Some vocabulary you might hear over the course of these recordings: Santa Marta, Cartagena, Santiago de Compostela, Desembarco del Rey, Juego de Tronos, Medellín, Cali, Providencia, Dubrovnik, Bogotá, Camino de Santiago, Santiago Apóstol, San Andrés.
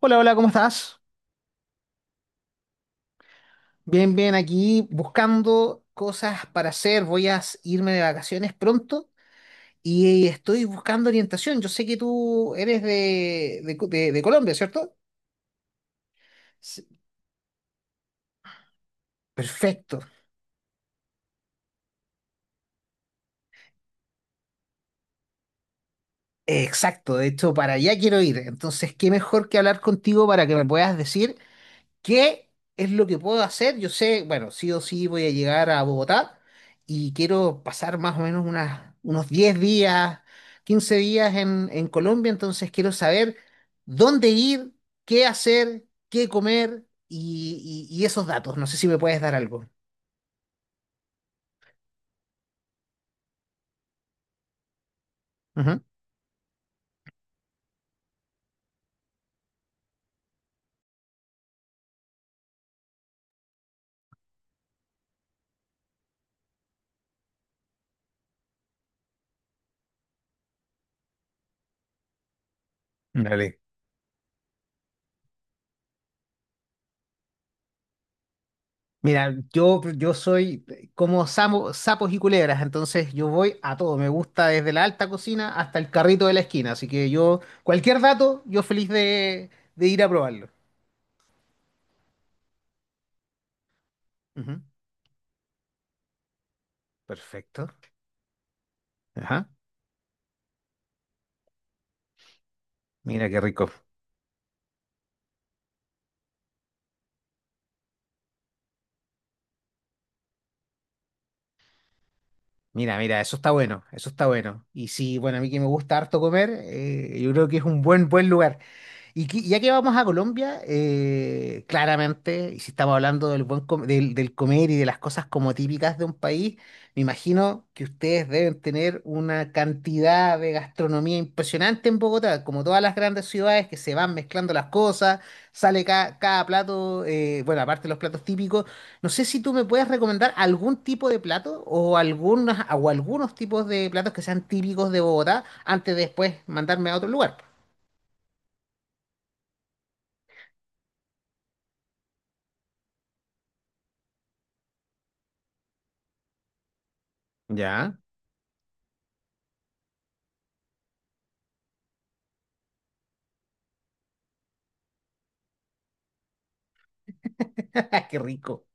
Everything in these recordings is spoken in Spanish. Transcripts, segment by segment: Hola, hola, ¿cómo estás? Bien, bien, aquí buscando cosas para hacer. Voy a irme de vacaciones pronto y estoy buscando orientación. Yo sé que tú eres de Colombia, ¿cierto? Sí. Perfecto, exacto. De hecho, para allá quiero ir. Entonces, qué mejor que hablar contigo para que me puedas decir ¿qué es lo que puedo hacer? Yo sé, bueno, sí o sí voy a llegar a Bogotá y quiero pasar más o menos unas, unos 10 días, 15 días en Colombia, entonces quiero saber dónde ir, qué hacer, qué comer y esos datos. No sé si me puedes dar algo. Ujú. Dale. Mira, yo soy como sapos y culebras, entonces yo voy a todo. Me gusta desde la alta cocina hasta el carrito de la esquina. Así que yo, cualquier dato, yo feliz de ir a probarlo. Ujú. Perfecto. Ajá. Mira qué rico. Mira, mira, eso está bueno, eso está bueno. Y sí, bueno, a mí que me gusta harto comer, yo creo que es un buen, buen lugar. Ya que vamos a Colombia, claramente, y si estamos hablando del del comer y de las cosas como típicas de un país, me imagino que ustedes deben tener una cantidad de gastronomía impresionante en Bogotá, como todas las grandes ciudades que se van mezclando las cosas, sale cada plato, bueno, aparte de los platos típicos, no sé si tú me puedes recomendar algún tipo de plato o, algunas, o algunos tipos de platos que sean típicos de Bogotá antes de después mandarme a otro lugar. Ya. Qué rico,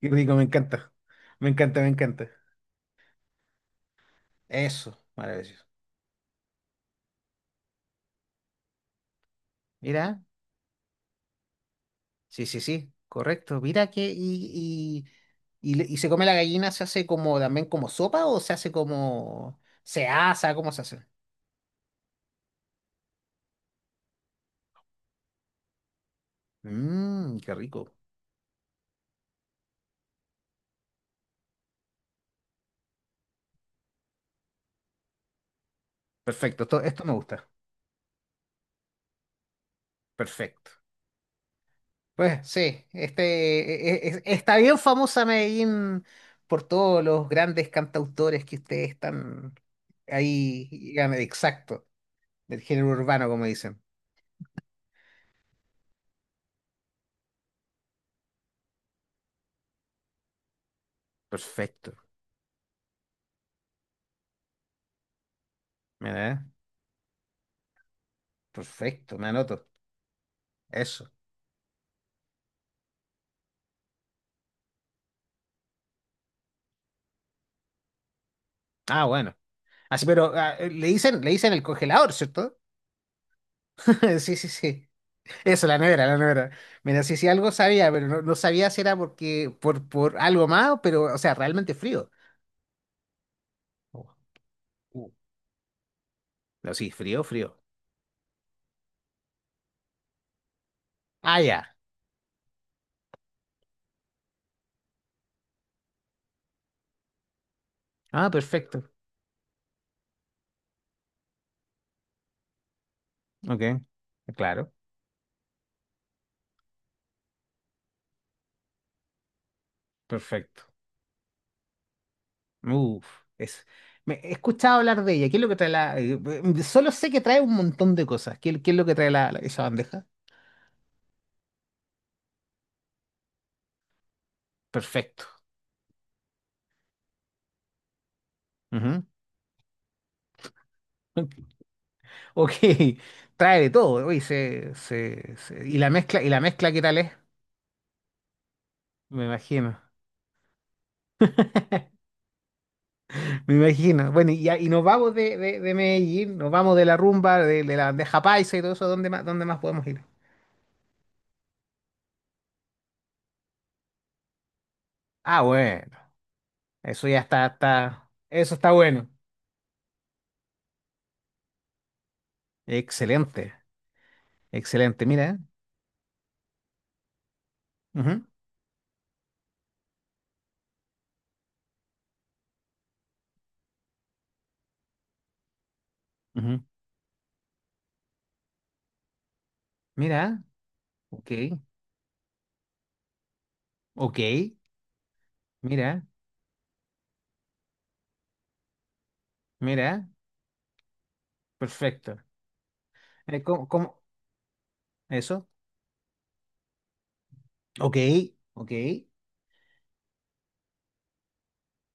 qué rico, me encanta. Me encanta, me encanta. Eso, maravilloso. Mira, sí, sí, sí, correcto. Mira que y se come la gallina, se hace como también como sopa o se hace como se asa, ¿cómo se hace? Mmm, qué rico. Perfecto, esto me gusta. Perfecto. Pues sí, este está bien famosa Medellín por todos los grandes cantautores que ustedes están ahí. Exacto. Del género urbano, como dicen. Perfecto. Mira, ¿eh? Perfecto, me anoto. Eso. Ah, bueno. Así, pero le dicen el congelador, ¿cierto? Sí, sí, sí. Eso, la nevera, la nevera. Mira, sí, sí, algo sabía, pero no, no sabía si era porque, por algo más, pero, o sea, realmente frío. Oh, uh. No, sí, frío, frío. Ah, ya. Ah, perfecto. Ok. Claro, perfecto. Uf, es, me, he escuchado hablar de ella. ¿Qué es lo que trae la...? Solo sé que trae un montón de cosas. ¿Qué, qué es lo que trae esa bandeja? Perfecto. Ujú. Ok, trae de todo. Uy, y la mezcla, y la mezcla, ¿qué tal es? Me imagino. Me imagino. Bueno, y nos vamos de Medellín, nos vamos de la rumba, de la bandeja paisa y todo eso. Dónde más podemos ir? Ah, bueno. Eso ya está, está... Eso está bueno. Excelente. Excelente, mira. ¿Eh? Ujú, ujú. Mira, ok, ok, mira, mira, perfecto. Eh, ¿cómo, cómo- Eso, ok, ok.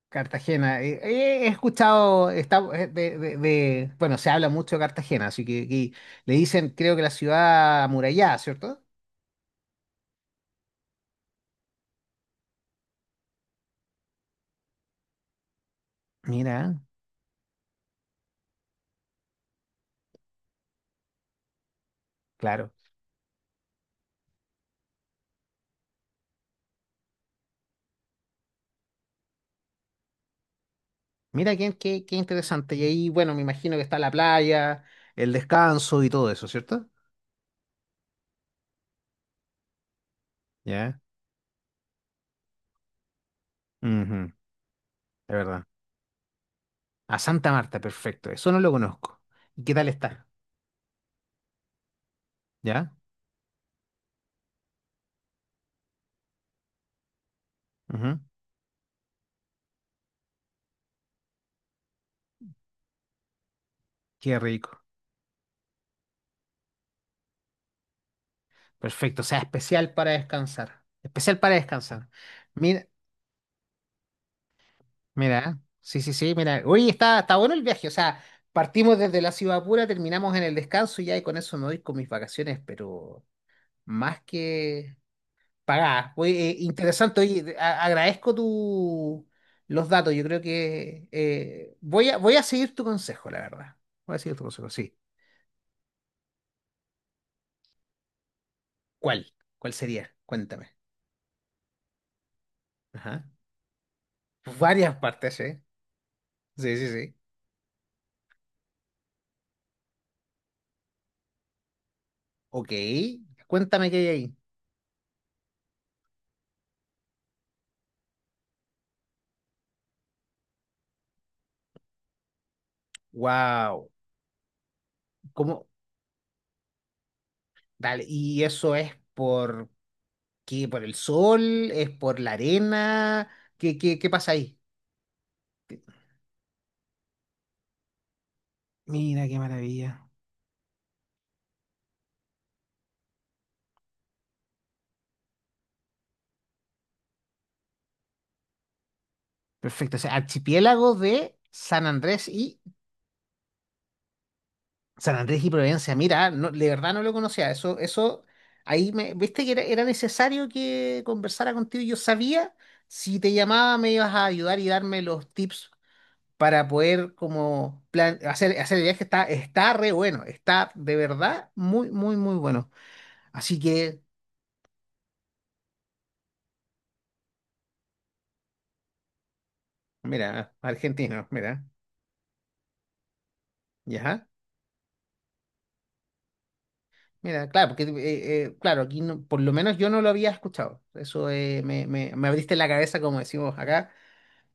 Cartagena, he escuchado, está, bueno, se habla mucho de Cartagena, así que aquí le dicen, creo que la ciudad amurallada, ¿cierto? Mira, claro. Mira qué, qué, qué interesante. Y ahí, bueno, me imagino que está la playa, el descanso y todo eso, ¿cierto? Ya, ujú, de verdad. A Santa Marta, perfecto. Eso no lo conozco. ¿Y qué tal está? ¿Ya? Ujú. Qué rico. Perfecto. O sea, especial para descansar. Especial para descansar. Mira, mira. Sí, sí, sí, mira. Oye, está, está bueno el viaje. O sea, partimos desde la ciudad pura, terminamos en el descanso y ya y con eso me voy con mis vacaciones, pero más que pagadas. Oye, interesante. Oye, agradezco tu, los datos. Yo creo que voy a, voy a seguir tu consejo, la verdad. Voy a seguir tu consejo, sí. ¿Cuál? ¿Cuál sería? Cuéntame. Ajá. Varias partes, ¿eh? Sí, sí, sí. Ok, cuéntame qué hay ahí. Wow, ¿cómo? Dale, ¿y eso es por qué? ¿Por el sol? ¿Es por la arena? ¿Qué, qué, qué pasa ahí? Mira qué maravilla. Perfecto, o sea, archipiélago de San Andrés y Providencia. Mira, no, de verdad no lo conocía. Eso, ahí me, viste que era, era necesario que conversara contigo. Yo sabía si te llamaba me ibas a ayudar y darme los tips para poder como plan hacer, hacer el viaje está, está re bueno, está de verdad muy, muy, muy bueno. Así que, mira, argentino, mira, ya, mira, claro, porque claro, aquí por lo menos yo no lo había escuchado. Eso me abriste la cabeza, como decimos acá.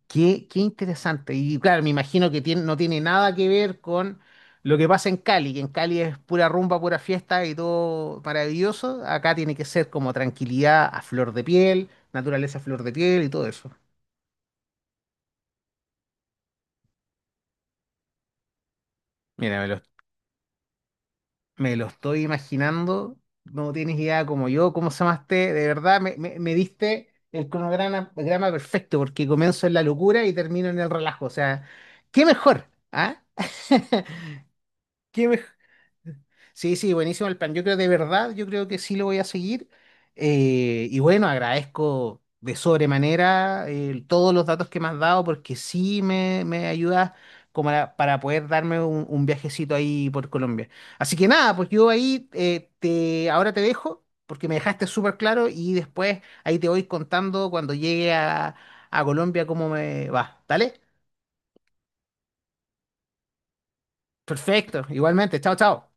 Qué, qué interesante. Y claro, me imagino que no tiene nada que ver con lo que pasa en Cali, que en Cali es pura rumba, pura fiesta y todo maravilloso. Acá tiene que ser como tranquilidad a flor de piel, naturaleza a flor de piel y todo eso. Mira, me lo estoy imaginando. No tienes idea como yo, cómo se llamaste. De verdad, me diste el cronograma perfecto, porque comienzo en la locura y termino en el relajo. O sea, qué mejor, ¿ah? ¿Qué mejor? Sí, sí, buenísimo el plan. Yo creo de verdad, yo creo que sí lo voy a seguir. Y bueno, agradezco de sobremanera todos los datos que me has dado porque sí me ayudas como para poder darme un viajecito ahí por Colombia. Así que nada, pues yo ahí ahora te dejo porque me dejaste súper claro y después ahí te voy contando cuando llegue a Colombia cómo me va. ¿Dale? Perfecto, igualmente. Chao, chao.